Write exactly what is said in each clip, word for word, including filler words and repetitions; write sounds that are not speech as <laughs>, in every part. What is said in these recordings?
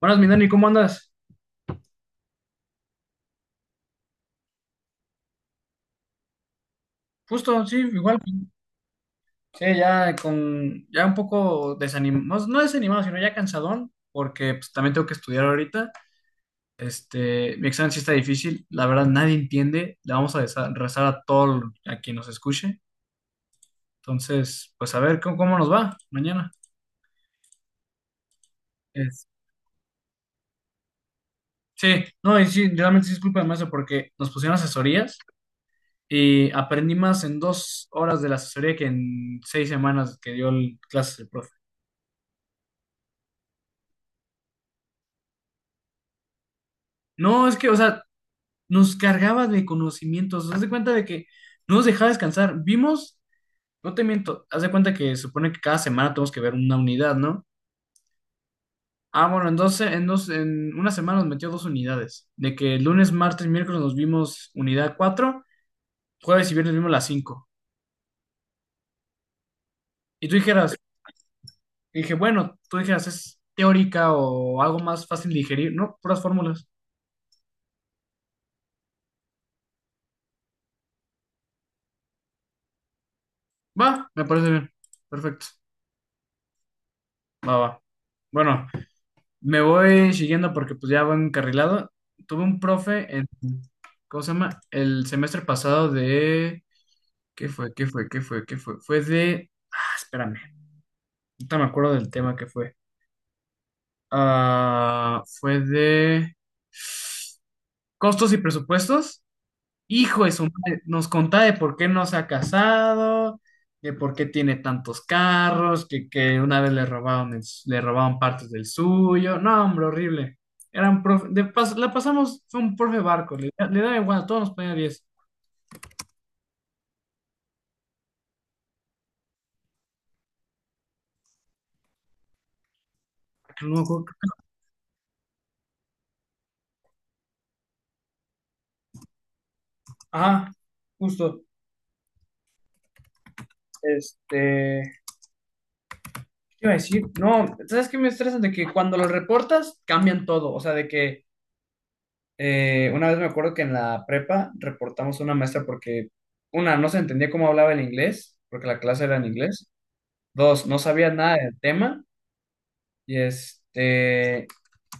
Buenas, mi Dani, ¿cómo andas? Justo, sí, igual. Sí, ya con, ya un poco desanimado, no no desanimado, sino ya cansadón, porque pues, también tengo que estudiar ahorita. Este, mi examen sí está difícil, la verdad nadie entiende, le vamos a desa- rezar a todo a quien nos escuche. Entonces, pues a ver cómo, cómo nos va mañana. Es- sí, no, y sí, realmente sí es culpa del maestro porque nos pusieron asesorías y aprendí más en dos horas de la asesoría que en seis semanas que dio el- clases el profe. No, es que, o sea, nos cargaba de conocimientos. Haz de cuenta de que no nos dejaba descansar. Vimos, no te miento, haz de cuenta que se supone que cada semana tenemos que ver una unidad, ¿no? Ah, bueno, entonces en, dos, en una semana nos metió dos unidades. De que lunes, martes, miércoles nos vimos unidad cuatro, jueves y viernes vimos la cinco. Y tú dijeras, dije, bueno, tú dijeras, es teórica o algo más fácil de digerir, ¿no? Puras fórmulas. Va, me parece bien. Perfecto. Va, va. Bueno, me voy siguiendo porque pues ya voy encarrilado. Tuve un profe en, ¿cómo se llama? El semestre pasado de, ¿qué fue? ¿Qué fue? ¿Qué fue? ¿Qué fue? Fue de, ah, espérame, ahorita me acuerdo del tema que fue. Ah, fue de costos y presupuestos. Hijo de su madre, nos contaba de por qué no se ha casado, de por qué tiene tantos carros, que, que una vez le robaron, el- le robaron partes del suyo. No, hombre, horrible. Era un profe, de pas- la pasamos, fue un profe barco, le, da- le daba igual, a todos nos ponía diez. No me acuerdo. Ajá, justo. Este, ¿qué iba a decir? No, ¿sabes qué me estresa? De que cuando lo reportas, cambian todo. O sea, de que Eh, una vez me acuerdo que en la prepa reportamos a una maestra porque, una, no se entendía cómo hablaba el inglés, porque la clase era en inglés. Dos, no sabía nada del tema y este,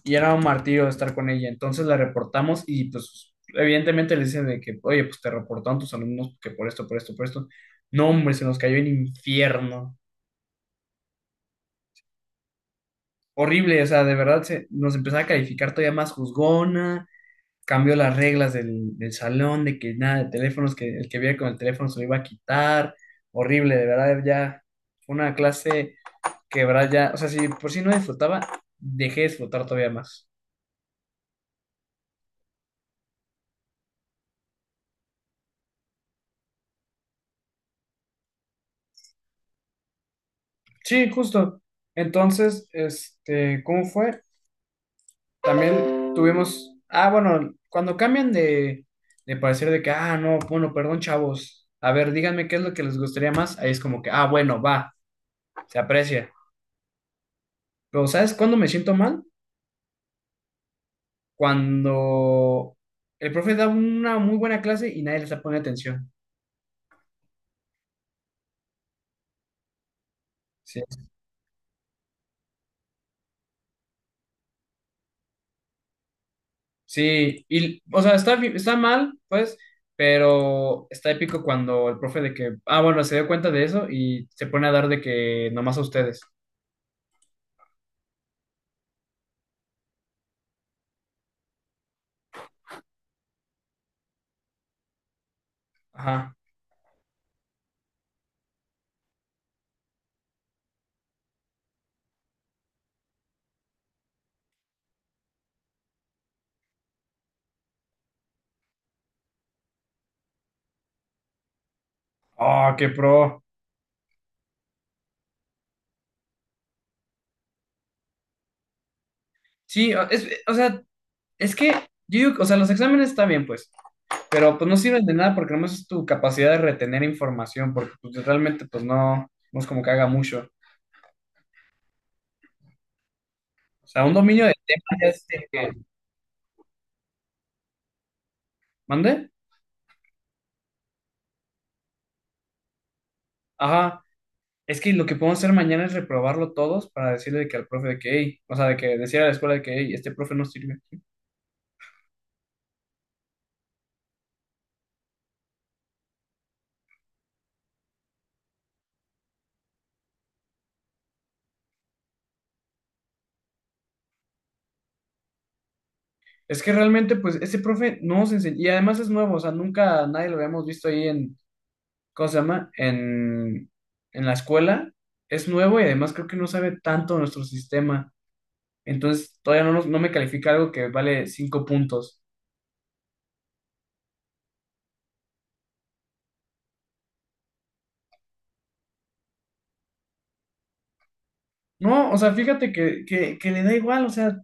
y era un martirio estar con ella. Entonces la reportamos y pues evidentemente le dicen de que, oye, pues te reportaron tus alumnos que por esto, por esto, por esto. No, hombre, se nos cayó el infierno. Horrible, o sea, de verdad se, nos empezaba a calificar todavía más juzgona, cambió las reglas del, del salón, de que nada de teléfonos, que el que viera con el teléfono se lo iba a quitar. Horrible, de verdad, ya fue una clase que, de verdad, ya, o sea, si por si no disfrutaba, dejé de disfrutar todavía más. Sí, justo. Entonces, este, ¿cómo fue? También tuvimos, ah, bueno, cuando cambian de, de parecer de que, ah, no, bueno, perdón, chavos, a ver, díganme qué es lo que les gustaría más, ahí es como que, ah, bueno, va, se aprecia. Pero, ¿sabes cuándo me siento mal? Cuando el profe da una muy buena clase y nadie le está poniendo atención. Sí, sí, y, o sea, está, bi- está mal, pues, pero está épico cuando el profe de que, ah, bueno, se dio cuenta de eso y se pone a dar de que nomás a ustedes. Ajá. Oh, qué pro. Sí, o- es, o sea, es que, yo digo, o sea, los exámenes están bien, pues, pero pues no sirven de nada porque nomás es tu capacidad de retener información, porque pues, realmente, pues, no, no es como que haga mucho. O sea, un dominio de temas ya es... de que ¿Mande? Ajá. Es que lo que podemos hacer mañana es reprobarlo todos para decirle de que al profe de que, hey, o sea, de que decir a la escuela de que, hey, este profe no sirve. Es que realmente, pues, este profe no nos enseñó, y además es nuevo, o sea, nunca nadie lo habíamos visto ahí en, ¿cómo se llama? En, en la escuela. Es nuevo y además creo que no sabe tanto nuestro sistema. Entonces, todavía no, nos- no me califica algo que vale cinco puntos. No, o sea, fíjate que, que, que le da igual, o sea,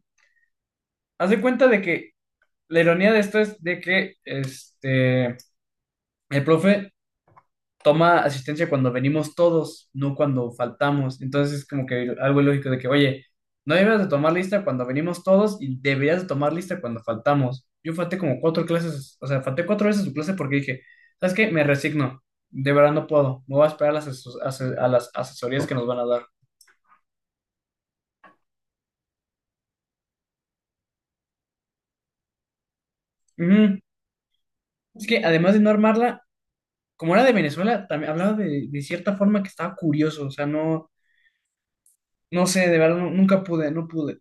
haz de cuenta de que la ironía de esto es de que, este... El profe toma asistencia cuando venimos todos, no cuando faltamos. Entonces es como que algo ilógico de que, oye, no deberías de tomar lista cuando venimos todos y deberías de tomar lista cuando faltamos. Yo falté como cuatro clases, o sea, falté cuatro veces su clase porque dije, ¿sabes qué? Me resigno, de verdad no puedo, me voy a esperar a las, ases- ase- a las asesorías que nos van a dar. Ujú. Es que además de no armarla, como era de Venezuela, también hablaba de, de cierta forma que estaba curioso, o sea, no, no sé, de verdad no- nunca pude, no pude.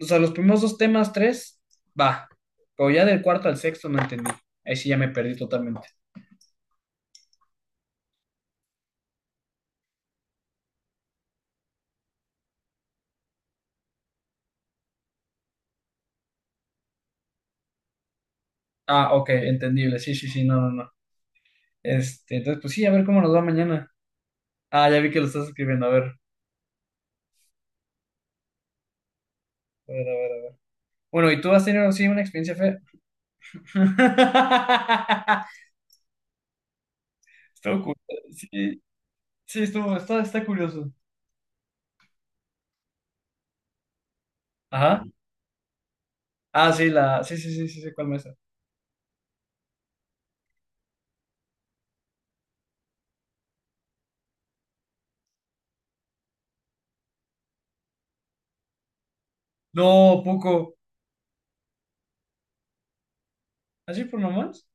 O sea, los primeros dos temas, tres, va. Pero ya del cuarto al sexto no entendí. Ahí sí ya me perdí totalmente. Ah, ok, entendible. Sí, sí, sí, no, no, no. Este, entonces, pues sí, a ver cómo nos va mañana. Ah, ya vi que lo estás escribiendo. A ver, a ver, a ver. A ver. Bueno, ¿y tú has tenido sí, una experiencia fea? <laughs> Estuvo cu- Sí, sí, estuvo, está, está curioso. Ajá. Ah, sí, la, sí, sí, sí, sí, sí, ¿cuál mesa? No, poco. ¿Así por nomás?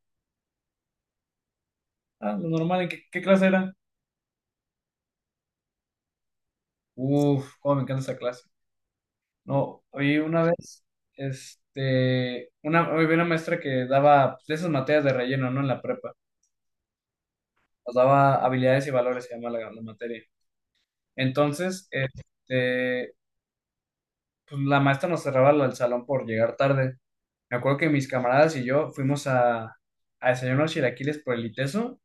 Ah, lo normal, ¿en qué, qué clase era? Uf, cómo me encanta esa clase. No, oí una vez, este, una, había una maestra que daba pues, de esas materias de relleno, ¿no? En la prepa, nos daba habilidades y valores, se llama la, la materia. Entonces, este, pues, la maestra nos cerraba el salón por llegar tarde. Me acuerdo que mis camaradas y yo fuimos a, a desayunar unos chilaquiles por el ITESO.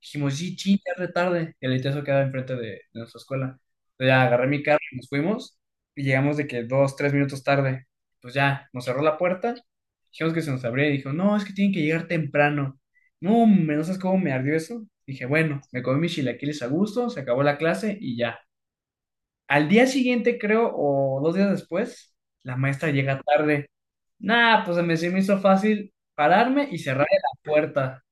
Dijimos, sí, ching, ya es re tarde. El ITESO quedaba enfrente de, de nuestra escuela. Entonces ya agarré mi carro y nos fuimos. Y llegamos de que dos, tres minutos tarde. Pues ya, nos cerró la puerta. Dijimos que se nos abría y dijo, no, es que tienen que llegar temprano. No, hombre, no sabes cómo me ardió eso. Dije, bueno, me comí mis chilaquiles a gusto, se acabó la clase y ya. Al día siguiente, creo, o dos días después, la maestra llega tarde. Nah, pues se me, se me hizo fácil pararme y cerrar la puerta.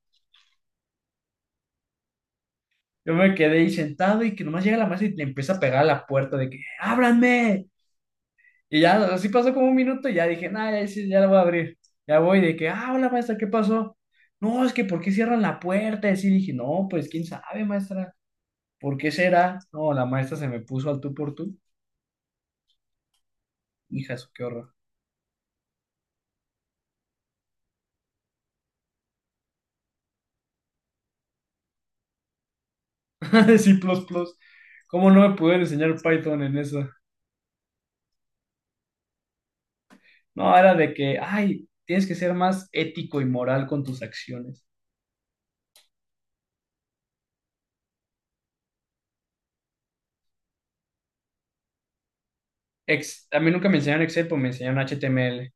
Yo me quedé ahí sentado y que nomás llega la maestra y le empieza a pegar a la puerta de que ¡ábranme! Y ya, así pasó como un minuto y ya dije, nah, ya, sí, ya la voy a abrir. Ya voy de que, ah, hola maestra, ¿qué pasó? No, es que ¿por qué cierran la puerta? Y así dije, no, pues quién sabe, maestra, ¿por qué será? No, la maestra se me puso al tú por tú. Hija, eso, qué horror. <laughs> Sí, plus, plus. ¿Cómo no me pudieron enseñar Python en eso? No, era de que, ay, tienes que ser más ético y moral con tus acciones. Ex- a mí nunca me enseñaron Excel, pues me enseñaron H T M L.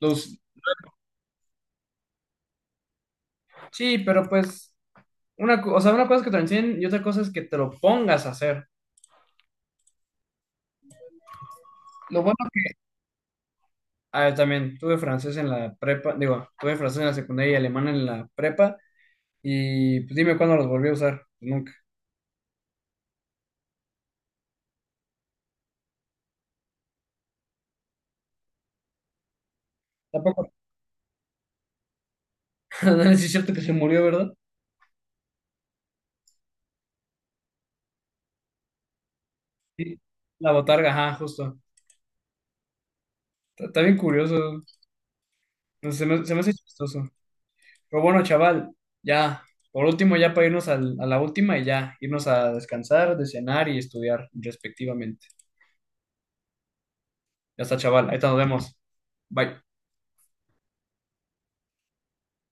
Los, sí, pero pues, una, co- o sea, una cosa es que te lo enseñen y otra cosa es que te lo pongas a hacer. Lo bueno, ah, también tuve francés en la prepa, digo, tuve francés en la secundaria y alemán en la prepa, y pues dime cuándo los volví a usar. Nunca. Tampoco. <laughs> Es cierto que se murió, ¿verdad? Sí. La botarga, ajá, justo. Está, está bien curioso. No, sé, se me, se me hace chistoso. Pero bueno, chaval, ya. Por último, ya para irnos al- a la última y ya, irnos a descansar, de cenar y estudiar respectivamente. Ya está, chaval. Ahí te nos vemos. Bye.